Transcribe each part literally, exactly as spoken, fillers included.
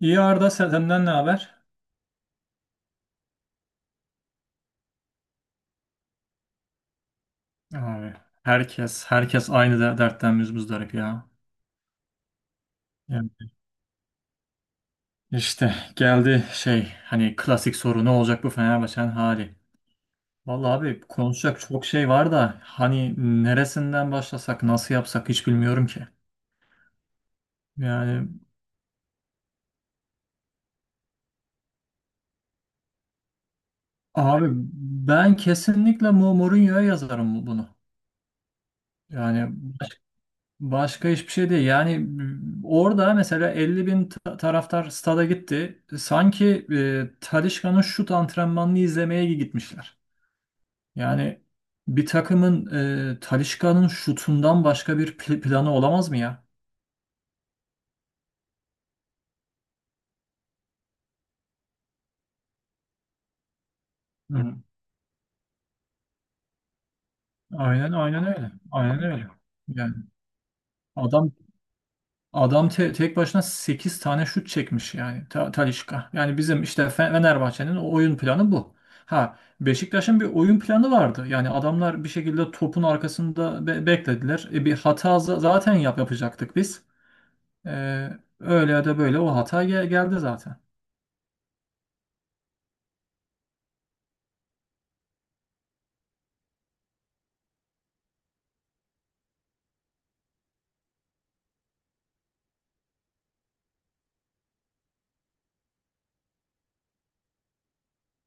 İyi Arda, sen- senden ne haber? Abi, herkes herkes aynı, de, dertten müzdarip ya. Yani işte geldi şey, hani klasik soru: ne olacak bu Fenerbahçe'nin hali? Vallahi abi, konuşacak çok şey var da hani neresinden başlasak, nasıl yapsak hiç bilmiyorum ki. Yani abi, ben kesinlikle Mo- Mourinho'ya yazarım bunu. Yani, başka hiçbir şey değil. Yani m, orada mesela 50 bin ta- taraftar stada gitti. Sanki e, Talisca'nın şut antrenmanını izlemeye gitmişler. Yani bir takımın, e, Talisca'nın şutundan başka bir pl- planı olamaz mı ya? Hı. Aynen aynen öyle. Aynen öyle. Yani adam Adam te- tek başına sekiz tane şut çekmiş yani Ta Talisca. Yani bizim işte Fe- Fenerbahçe'nin o oyun planı bu. Ha, Beşiktaş'ın bir oyun planı vardı. Yani adamlar bir şekilde topun arkasında be- beklediler. E, bir hata za- zaten yap yapacaktık biz. E, Öyle ya da böyle o hata ge- geldi zaten.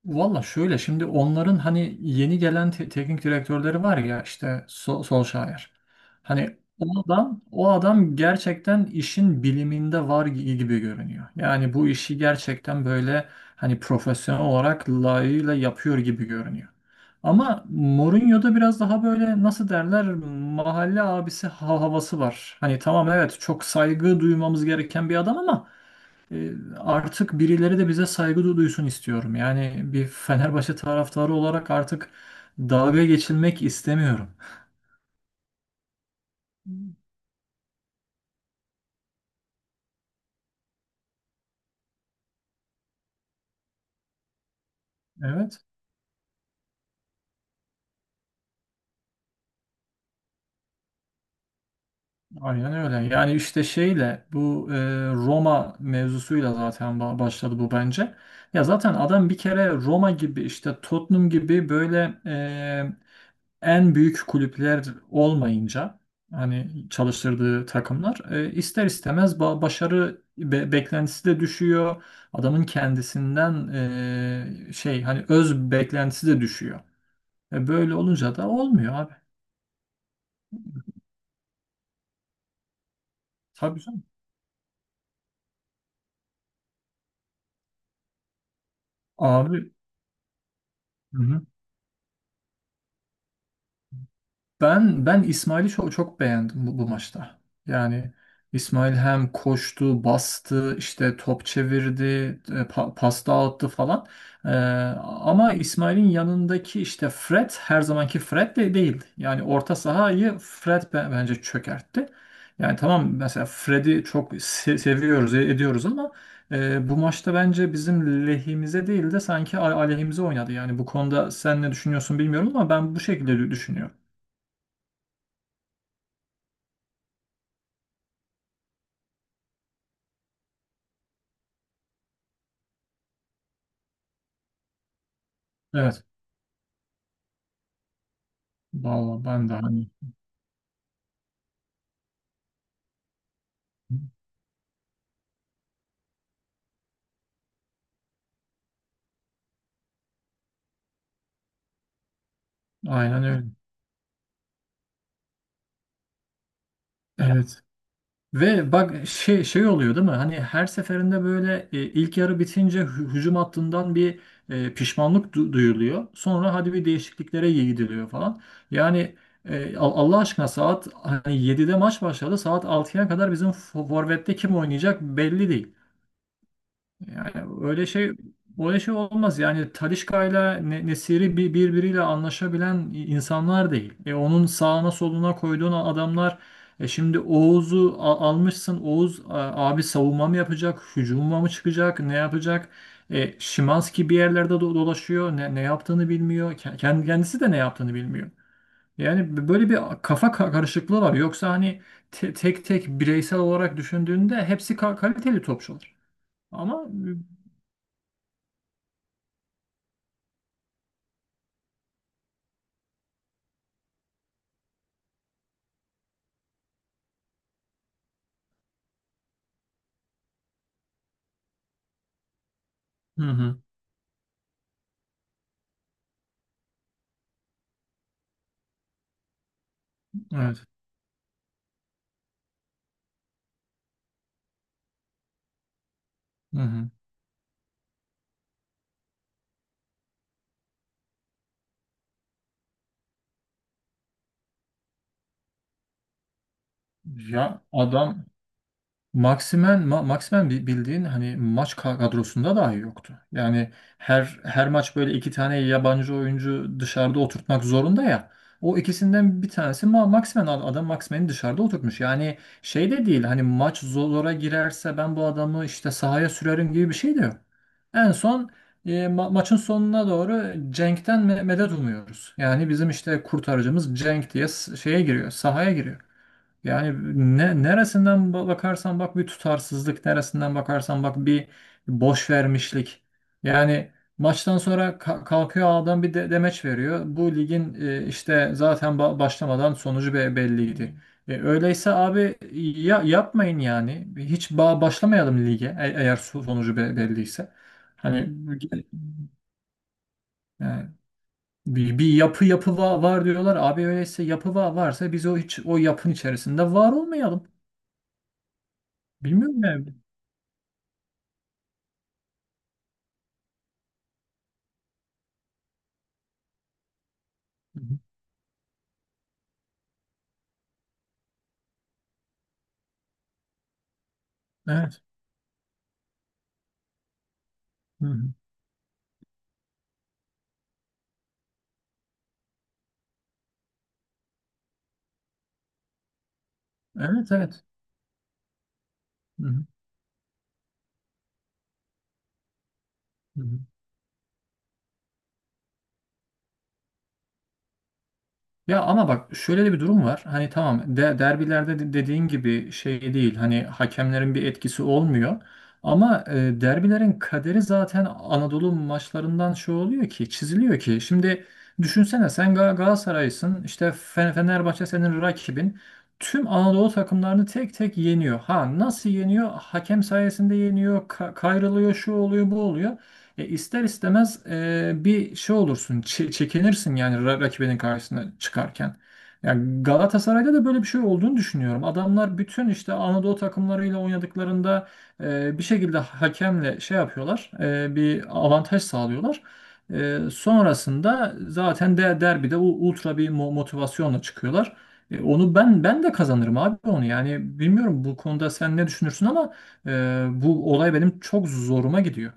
Valla, şöyle şimdi onların hani yeni gelen te- teknik direktörleri var ya, işte Sol Solskjaer. Hani o adam o adam gerçekten işin biliminde var gi- gibi görünüyor. Yani bu işi gerçekten böyle hani profesyonel olarak layığıyla yapıyor gibi görünüyor. Ama Mourinho'da biraz daha böyle, nasıl derler, mahalle abisi ha- havası var. Hani tamam, evet, çok saygı duymamız gereken bir adam, ama e, artık birileri de bize saygı du- duysun istiyorum. Yani bir Fenerbahçe taraftarı olarak artık dalga geçilmek istemiyorum. Evet, aynen öyle. Yani işte şeyle bu e, Roma mevzusuyla zaten ba- başladı bu bence. Ya zaten adam bir kere Roma gibi, işte Tottenham gibi, böyle e, en büyük kulüpler olmayınca hani çalıştırdığı takımlar e, ister istemez ba- başarı be- beklentisi de düşüyor. Adamın kendisinden e, şey hani öz beklentisi de düşüyor. E, böyle olunca da olmuyor abi. Tabii canım. Abi, hı hı. Ben ben İsmail'i çok, çok beğendim bu, bu maçta. Yani İsmail hem koştu, bastı, işte top çevirdi, e, pa- pas dağıttı falan. Ee, ama İsmail'in yanındaki işte Fred her zamanki Fred de değildi. Yani orta sahayı Fred be- bence çökertti. Yani tamam, mesela Fred'i çok se- seviyoruz, e- ediyoruz, ama e, bu maçta bence bizim lehimize değil de sanki a- aleyhimize oynadı. Yani bu konuda sen ne düşünüyorsun bilmiyorum, ama ben bu şekilde dü- düşünüyorum. Evet. Vallahi, ben de hani aynen öyle. Evet. Ve bak, şey şey oluyor değil mi? Hani her seferinde böyle e, ilk yarı bitince hü- hücum hattından bir e, pişmanlık du- duyuluyor. Sonra hadi bir değişikliklere gidiliyor falan. Yani e, Al- Allah aşkına, saat hani yedide maç başladı. Saat altıya kadar bizim fo- forvette kim oynayacak belli değil. Yani öyle şey öyle şey olmaz. Yani Talişka'yla Ne- Nesiri bir- birbiriyle anlaşabilen insanlar değil. E, onun sağına soluna koyduğun adamlar, e, şimdi Oğuz'u a- almışsın. Oğuz, a- abi, savunma mı yapacak? Hücuma mı çıkacak? Ne yapacak? E, Şimanski bir yerlerde do- dolaşıyor. Ne, ne yaptığını bilmiyor. Ke- kend- Kendisi de ne yaptığını bilmiyor. Yani böyle bir kafa ka- karışıklığı var. Yoksa hani te- tek tek bireysel olarak düşündüğünde hepsi ka- kaliteli topçular. Ama. Hı hı. Evet. Hı hı. Ya adam Maximen, Ma- Maximen bi- bildiğin hani maç ka- kadrosunda dahi yoktu. Yani her her maç böyle iki tane yabancı oyuncu dışarıda oturtmak zorunda ya. O ikisinden bir tanesi Ma Maximen Ad- adam Maximen'i dışarıda oturtmuş. Yani şey de değil hani maç zor- zora girerse ben bu adamı işte sahaya sürerim gibi bir şey de yok. En son e, ma- maçın sonuna doğru Cenk'ten me- medet umuyoruz. Yani bizim işte kurtarıcımız Cenk diye s- şeye giriyor, sahaya giriyor. Yani ne, neresinden ba- bakarsan bak bir tutarsızlık, neresinden bakarsan bak bir boş vermişlik. Yani maçtan sonra ka- kalkıyor adam bir de demeç veriyor. Bu ligin e, işte zaten ba- başlamadan sonucu be- belliydi. E, öyleyse abi ya yapmayın yani. Hiç ba- başlamayalım lige e- eğer so- sonucu be- belliyse. Hani yani bir, bir yapı yapı va- var diyorlar. Abi öyleyse yapı va- varsa biz o hiç o yapın içerisinde var olmayalım. Bilmiyorum yani. Hı hı. Evet. Hı hı. Evet, evet. Hı hı. Hı hı. Ya ama bak, şöyle de bir durum var. Hani tamam, de derbilerde de dediğin gibi şey değil. Hani hakemlerin bir etkisi olmuyor. Ama e, derbilerin kaderi zaten Anadolu maçlarından şey oluyor ki, çiziliyor ki. Şimdi düşünsene, sen Gal- Galatasaray'sın. İşte Fe- Fenerbahçe senin rakibin. Tüm Anadolu takımlarını tek tek yeniyor. Ha, nasıl yeniyor? Hakem sayesinde yeniyor, ka- kayrılıyor, şu oluyor, bu oluyor. E, ister istemez, e, bir şey olursun, çe- çekinirsin yani ra- rakibinin karşısına çıkarken. Yani Galatasaray'da da böyle bir şey olduğunu düşünüyorum. Adamlar bütün işte Anadolu takımlarıyla oynadıklarında e, bir şekilde hakemle şey yapıyorlar, e, bir avantaj sağlıyorlar. E, sonrasında zaten de derbide u- ultra bir mo- motivasyonla çıkıyorlar. E, onu ben ben de kazanırım abi, onu. Yani bilmiyorum bu konuda sen ne düşünürsün, ama e, bu olay benim çok zoruma gidiyor.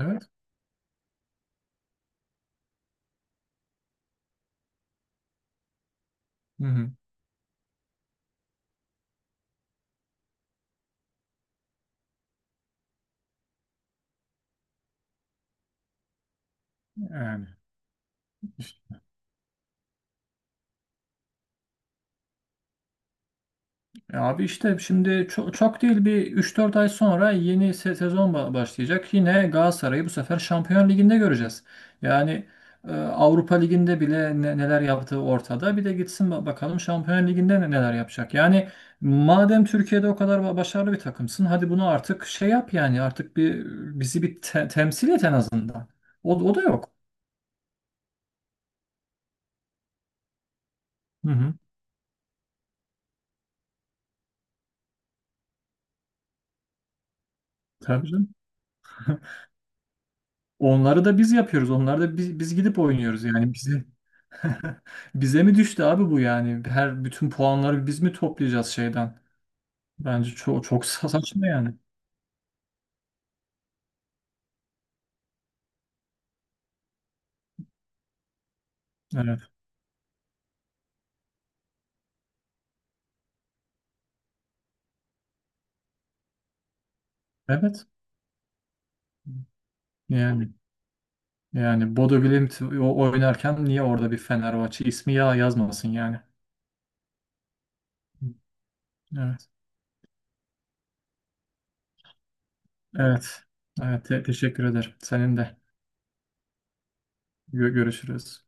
Evet. Hı hı. Yani işte- e abi, işte şimdi çok çok değil bir üç dört ay sonra yeni se- sezon ba- başlayacak. Yine Galatasaray'ı bu sefer Şampiyon Ligi'nde göreceğiz. Yani e, Avrupa Ligi'nde bile ne- neler yaptığı ortada. Bir de gitsin ba- bakalım Şampiyon Ligi'nde ne- neler yapacak. Yani madem Türkiye'de o kadar ba- başarılı bir takımsın, hadi bunu artık şey yap yani, artık bir bizi bir te- temsil et en azından. O, o da yok. Hı hı. Tabii canım. Onları da biz yapıyoruz. Onları da biz, biz gidip oynuyoruz yani, bizi. Bize mi düştü abi bu yani? Her bütün puanları biz mi toplayacağız şeyden? Bence çok çok sa- saçma yani. Evet. Evet. Yani yani Bodo Glimt o- oynarken niye orada bir Fenerbahçe ismi ya yazmasın yani? Evet. Evet. Evet. Te- teşekkür ederim. Senin de. Gö- görüşürüz.